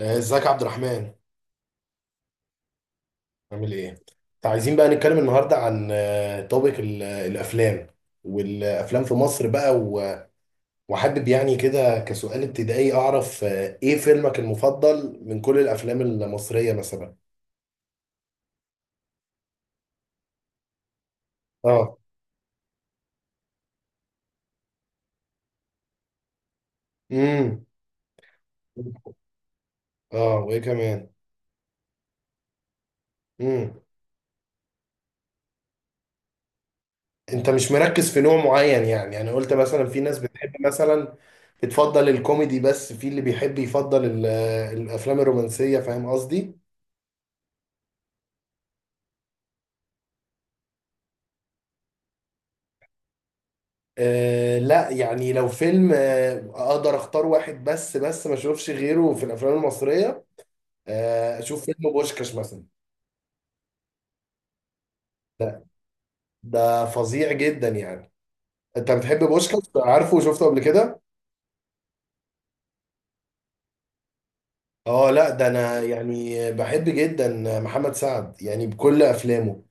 ازيك يا عبد الرحمن؟ عامل ايه؟ انت عايزين بقى نتكلم النهارده عن توبيك الافلام والافلام في مصر بقى وحابب يعني كده كسؤال ابتدائي اعرف ايه فيلمك المفضل من كل الافلام المصريه مثلا. اه. امم. اه وايه كمان؟ امم. انت مش مركز في نوع معين؟ يعني انا قلت مثلا في ناس بتحب مثلا بتفضل الكوميدي، بس في اللي بيحب يفضل الافلام الرومانسيه. فاهم قصدي؟ لا يعني، لو فيلم اقدر اختار واحد بس ما اشوفش غيره في الافلام المصريه، اشوف فيلم بوشكاش مثلا. ده ده فظيع جدا يعني. انت بتحب بوشكاش؟ عارفه وشفته قبل كده؟ اه، لا ده انا يعني بحب جدا محمد سعد يعني بكل افلامه.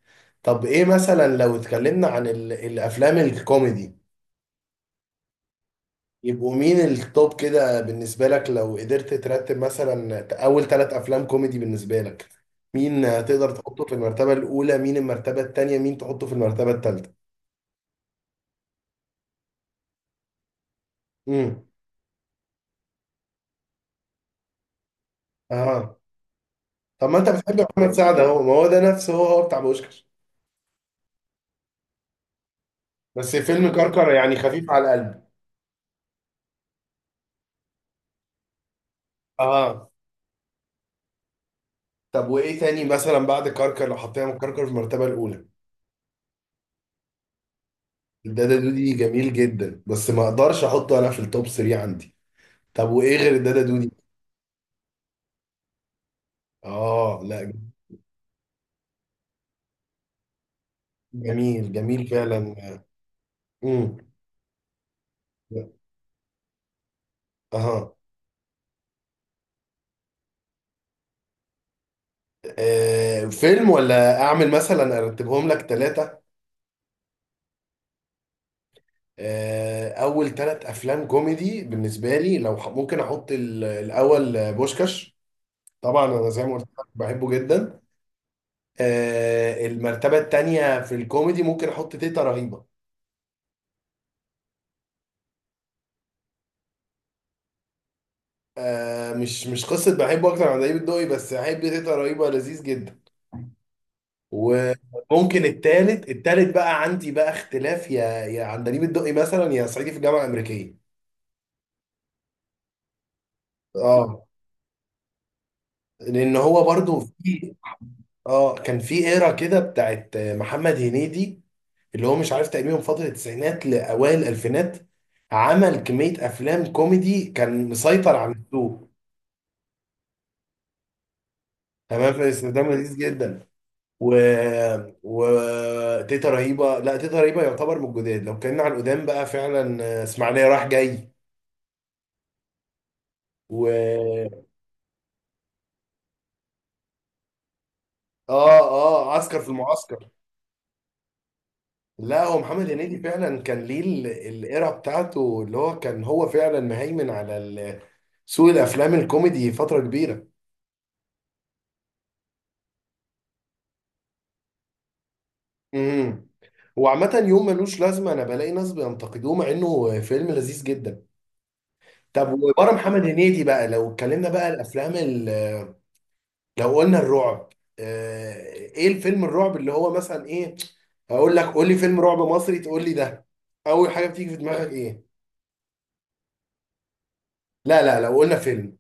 طب ايه مثلا لو اتكلمنا عن الافلام الكوميدي؟ يبقوا مين التوب كده بالنسبة لك؟ لو قدرت ترتب مثلا أول ثلاث أفلام كوميدي بالنسبة لك، مين تقدر تحطه في المرتبة الأولى؟ مين المرتبة التانية؟ مين تحطه في المرتبة التالتة؟ امم. اه. طب ما أنت بتحب محمد سعد أهو، ما هو ده نفسه، هو هو بتاع بوشكش. بس فيلم كركر يعني خفيف على القلب. اه. طب وإيه تاني مثلا بعد كركر، لو حطينا من كركر في المرتبة الأولى؟ الدادا دودي جميل جدا، بس ما أقدرش أحطه أنا في التوب 3 عندي. طب وإيه غير الدادا دودي؟ آه، لا. جميل جميل فعلا. امم. اها. فيلم ولا اعمل مثلا ارتبهم لك ثلاثة؟ اول ثلاث افلام كوميدي بالنسبة لي، لو ممكن احط الاول بوشكاش. طبعا انا زي ما قلت لك بحبه جدا. المرتبة الثانية في الكوميدي ممكن احط تيتا رهيبة. مش قصة بحبه اكتر عن دايب الدقي، بس احب تيتا رهيبة لذيذ جدا. وممكن التالت بقى عندي بقى اختلاف، يا عندليب الدقي مثلا، يا صعيدي في الجامعه الامريكيه. اه لان هو برضو في. اه كان في ايرا كده بتاعت محمد هنيدي، اللي هو مش عارف، تقريبا من فتره التسعينات لاوائل الالفينات، عمل كميه افلام كوميدي، كان مسيطر على السوق. تمام. في استخدام لذيذ جدا. و و تيتا رهيبه، لا تيتا رهيبه يعتبر من الجداد. لو اتكلمنا عن القدام بقى، فعلا اسماعيليه رايح جاي. و. اه. اه. عسكر في المعسكر. لا، هو محمد هنيدي فعلا كان ليه الايرا بتاعته، اللي هو كان هو فعلا مهيمن على سوق الافلام الكوميدي فتره كبيره. امم. وعامة يوم ملوش لازمة، أنا بلاقي ناس بينتقدوه مع إنه فيلم لذيذ جدا. طب وبره محمد هنيدي بقى، لو اتكلمنا بقى الأفلام لو قلنا الرعب. إيه الفيلم الرعب اللي هو مثلا إيه؟ أقول لك قول لي فيلم رعب مصري تقول لي ده. أول حاجة بتيجي في دماغك إيه؟ لا، لا. لو قلنا فيلم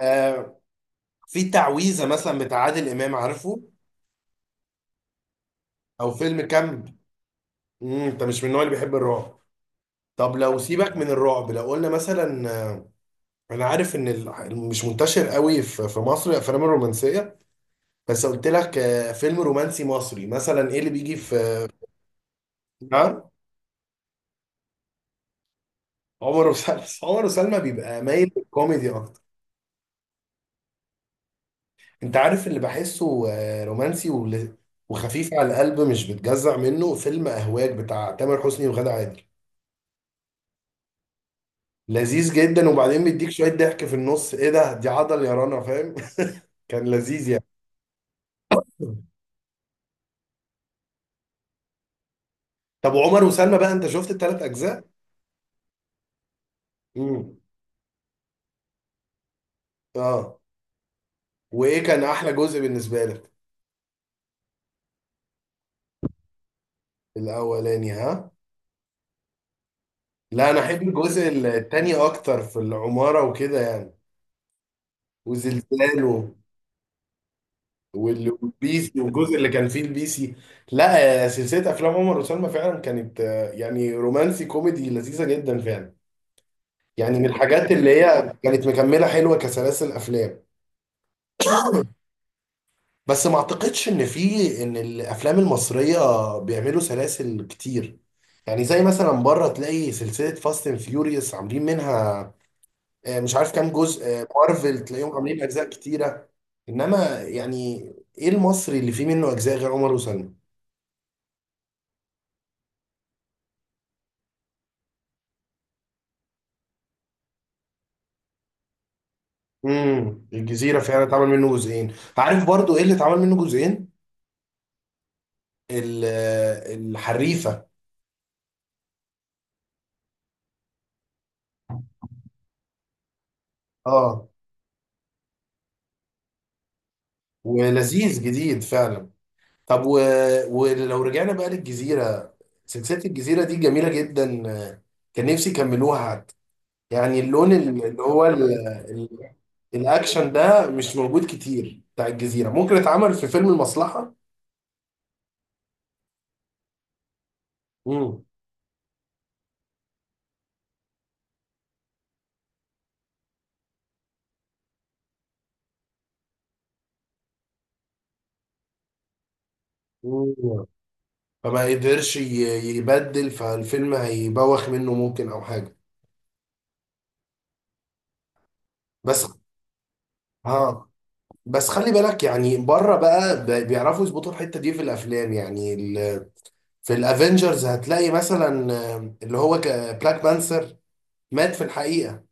آه، في تعويذه مثلا بتاع عادل امام، عارفه؟ او فيلم كامب. انت مش من النوع اللي بيحب الرعب؟ طب لو سيبك من الرعب، لو قلنا مثلا انا عارف ان مش منتشر قوي في مصر الافلام الرومانسيه. بس قلت لك فيلم رومانسي مصري مثلا، ايه اللي بيجي في؟ نعم؟ عمر وسلمى. عمر وسلمى بيبقى مايل للكوميدي اكتر. انت عارف اللي بحسه رومانسي وخفيف على القلب، مش بتجزع منه، فيلم اهواج بتاع تامر حسني وغادة عادل. لذيذ جدا، وبعدين بيديك شويه ضحك في النص. ايه ده؟ دي عضل يا رنا، فاهم؟ كان لذيذ يعني. طب وعمر وسلمى بقى، انت شفت الثلاث اجزاء؟ امم. اه. وايه كان احلى جزء بالنسبه لك؟ الاولاني. ها. لا، انا احب الجزء الثاني اكتر، في العماره وكده يعني، وزلزال والبيسي، والجزء اللي كان فيه البيسي. لا. سلسله افلام عمر وسلمى فعلا كانت يعني رومانسي كوميدي لذيذه جدا فعلا. يعني من الحاجات اللي هي كانت مكمله حلوه كسلاسل افلام. بس ما اعتقدش ان الافلام المصريه بيعملوا سلاسل كتير. يعني زي مثلا بره تلاقي سلسله فاست اند فيوريوس عاملين منها مش عارف كام جزء. مارفل تلاقيهم عاملين اجزاء كتيره. انما يعني، ايه المصري اللي فيه منه اجزاء غير عمر وسلمى؟ امم. الجزيره فعلا اتعمل منه جزئين. عارف برضو ايه اللي اتعمل منه جزئين؟ الحريفه. اه. ولذيذ جديد فعلا. طب ولو رجعنا بقى للجزيرة، سلسلة الجزيرة دي جميلة جدا. آه، كان نفسي يكملوها حتى. يعني اللون اللي هو ال... الأكشن ده مش موجود كتير بتاع الجزيرة، ممكن اتعمل في فيلم المصلحة. مم. مم. فما قدرش يبدل، فالفيلم هيبوخ منه ممكن أو حاجة. بس. ها. بس خلي بالك، يعني بره بقى بيعرفوا يظبطوا الحتة دي في الأفلام يعني. في الافنجرز هتلاقي مثلا اللي هو بلاك بانثر مات في الحقيقة.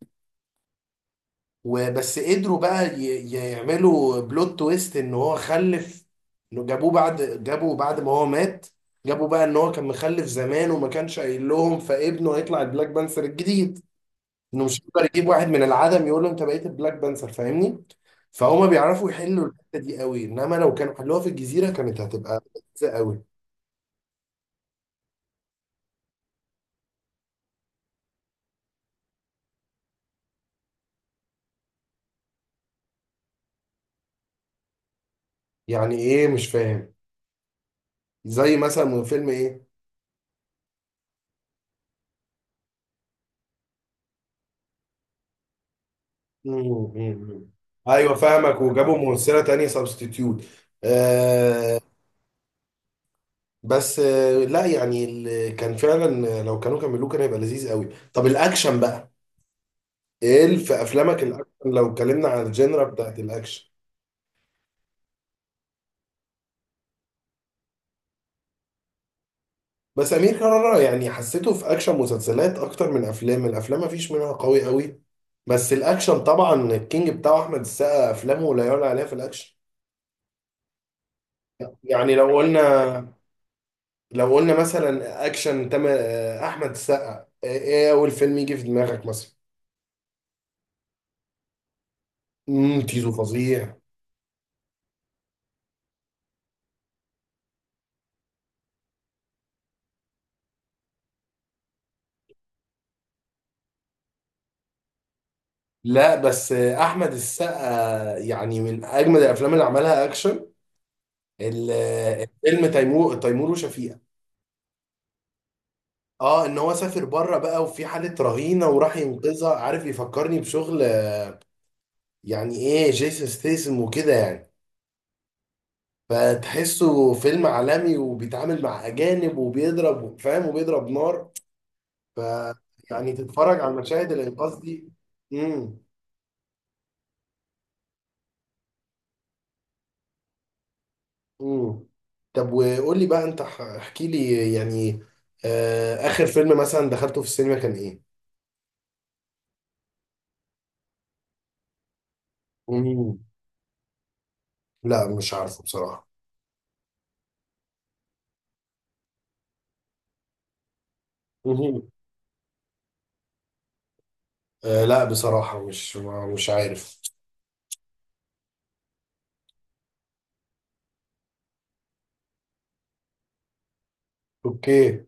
وبس قدروا بقى يعملوا بلوت تويست ان هو خلف. انه جابوه بعد ما هو مات. جابوا بقى ان هو كان مخلف زمان وما كانش قايل لهم، فابنه هيطلع البلاك بانثر الجديد. انه مش هيقدر يجيب واحد من العدم يقول له انت بقيت البلاك بانثر، فاهمني؟ فهما بيعرفوا يحلوا الحتة دي قوي، انما لو كانوا حلوها في الجزيرة كانت هتبقى لذيذة قوي. يعني ايه، مش فاهم. زي مثلا من فيلم ايه؟ مم، مم. ايوه فاهمك، وجابوا ممثله تانية سبستيتيوت. آه. بس لا يعني كان فعلا لو كانوا كملوه كان هيبقى لذيذ قوي. طب الاكشن بقى، ايه في افلامك الاكشن لو اتكلمنا عن الجنرا بتاعت الاكشن؟ بس امير كرارة يعني حسيته في اكشن مسلسلات اكتر من الافلام ما فيش منها قوي قوي. بس الاكشن طبعا الكينج بتاعه احمد السقا، افلامه لا يعلى عليها في الاكشن. يعني لو قلنا مثلا اكشن تم احمد السقا. ايه اول فيلم يجي في دماغك مثلا؟ امم. تيزو فظيع. لا، بس احمد السقا يعني من اجمد الافلام اللي عملها اكشن. فيلم تيمور وشفيقة. اه، ان هو سافر بره بقى وفي حالة رهينة وراح ينقذها، عارف يفكرني بشغل يعني ايه جيسون ستيسم وكده يعني. فتحسه فيلم عالمي وبيتعامل مع اجانب وبيضرب، فاهم، وبيضرب نار. ف. يعني تتفرج على المشاهد الانقاذ دي. امم. امم. طب وقول لي بقى، انت احكي لي يعني اخر فيلم مثلا دخلته في السينما كان ايه؟ امم. لا، مش عارفه بصراحة. امم. لا، بصراحة مش عارف. اوكي.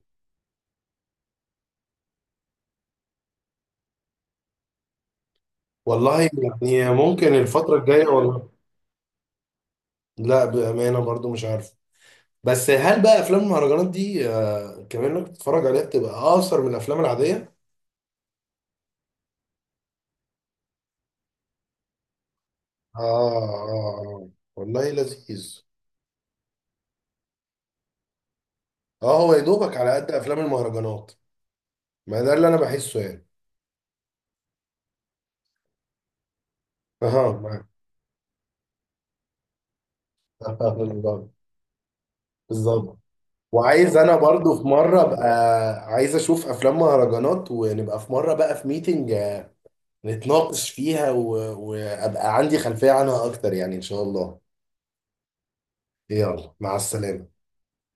والله. يعني ممكن الفترة الجاية، والله. لا، بأمانة برضو مش عارف. بس هل بقى افلام المهرجانات دي كمان انك تتفرج عليها بتبقى اقصر من الافلام العادية؟ اه. اه. آه. والله لذيذ. اه، هو يا دوبك على قد افلام المهرجانات. ما ده اللي انا بحسه يعني. اه، معاك. بالظبط. بالظبط، وعايز انا برضو في مره ابقى. عايز اشوف افلام مهرجانات، ونبقى في مره بقى في ميتنج نتناقش فيها وابقى عندي خلفيه عنها اكتر يعني، ان شاء الله. يلا، مع السلامه.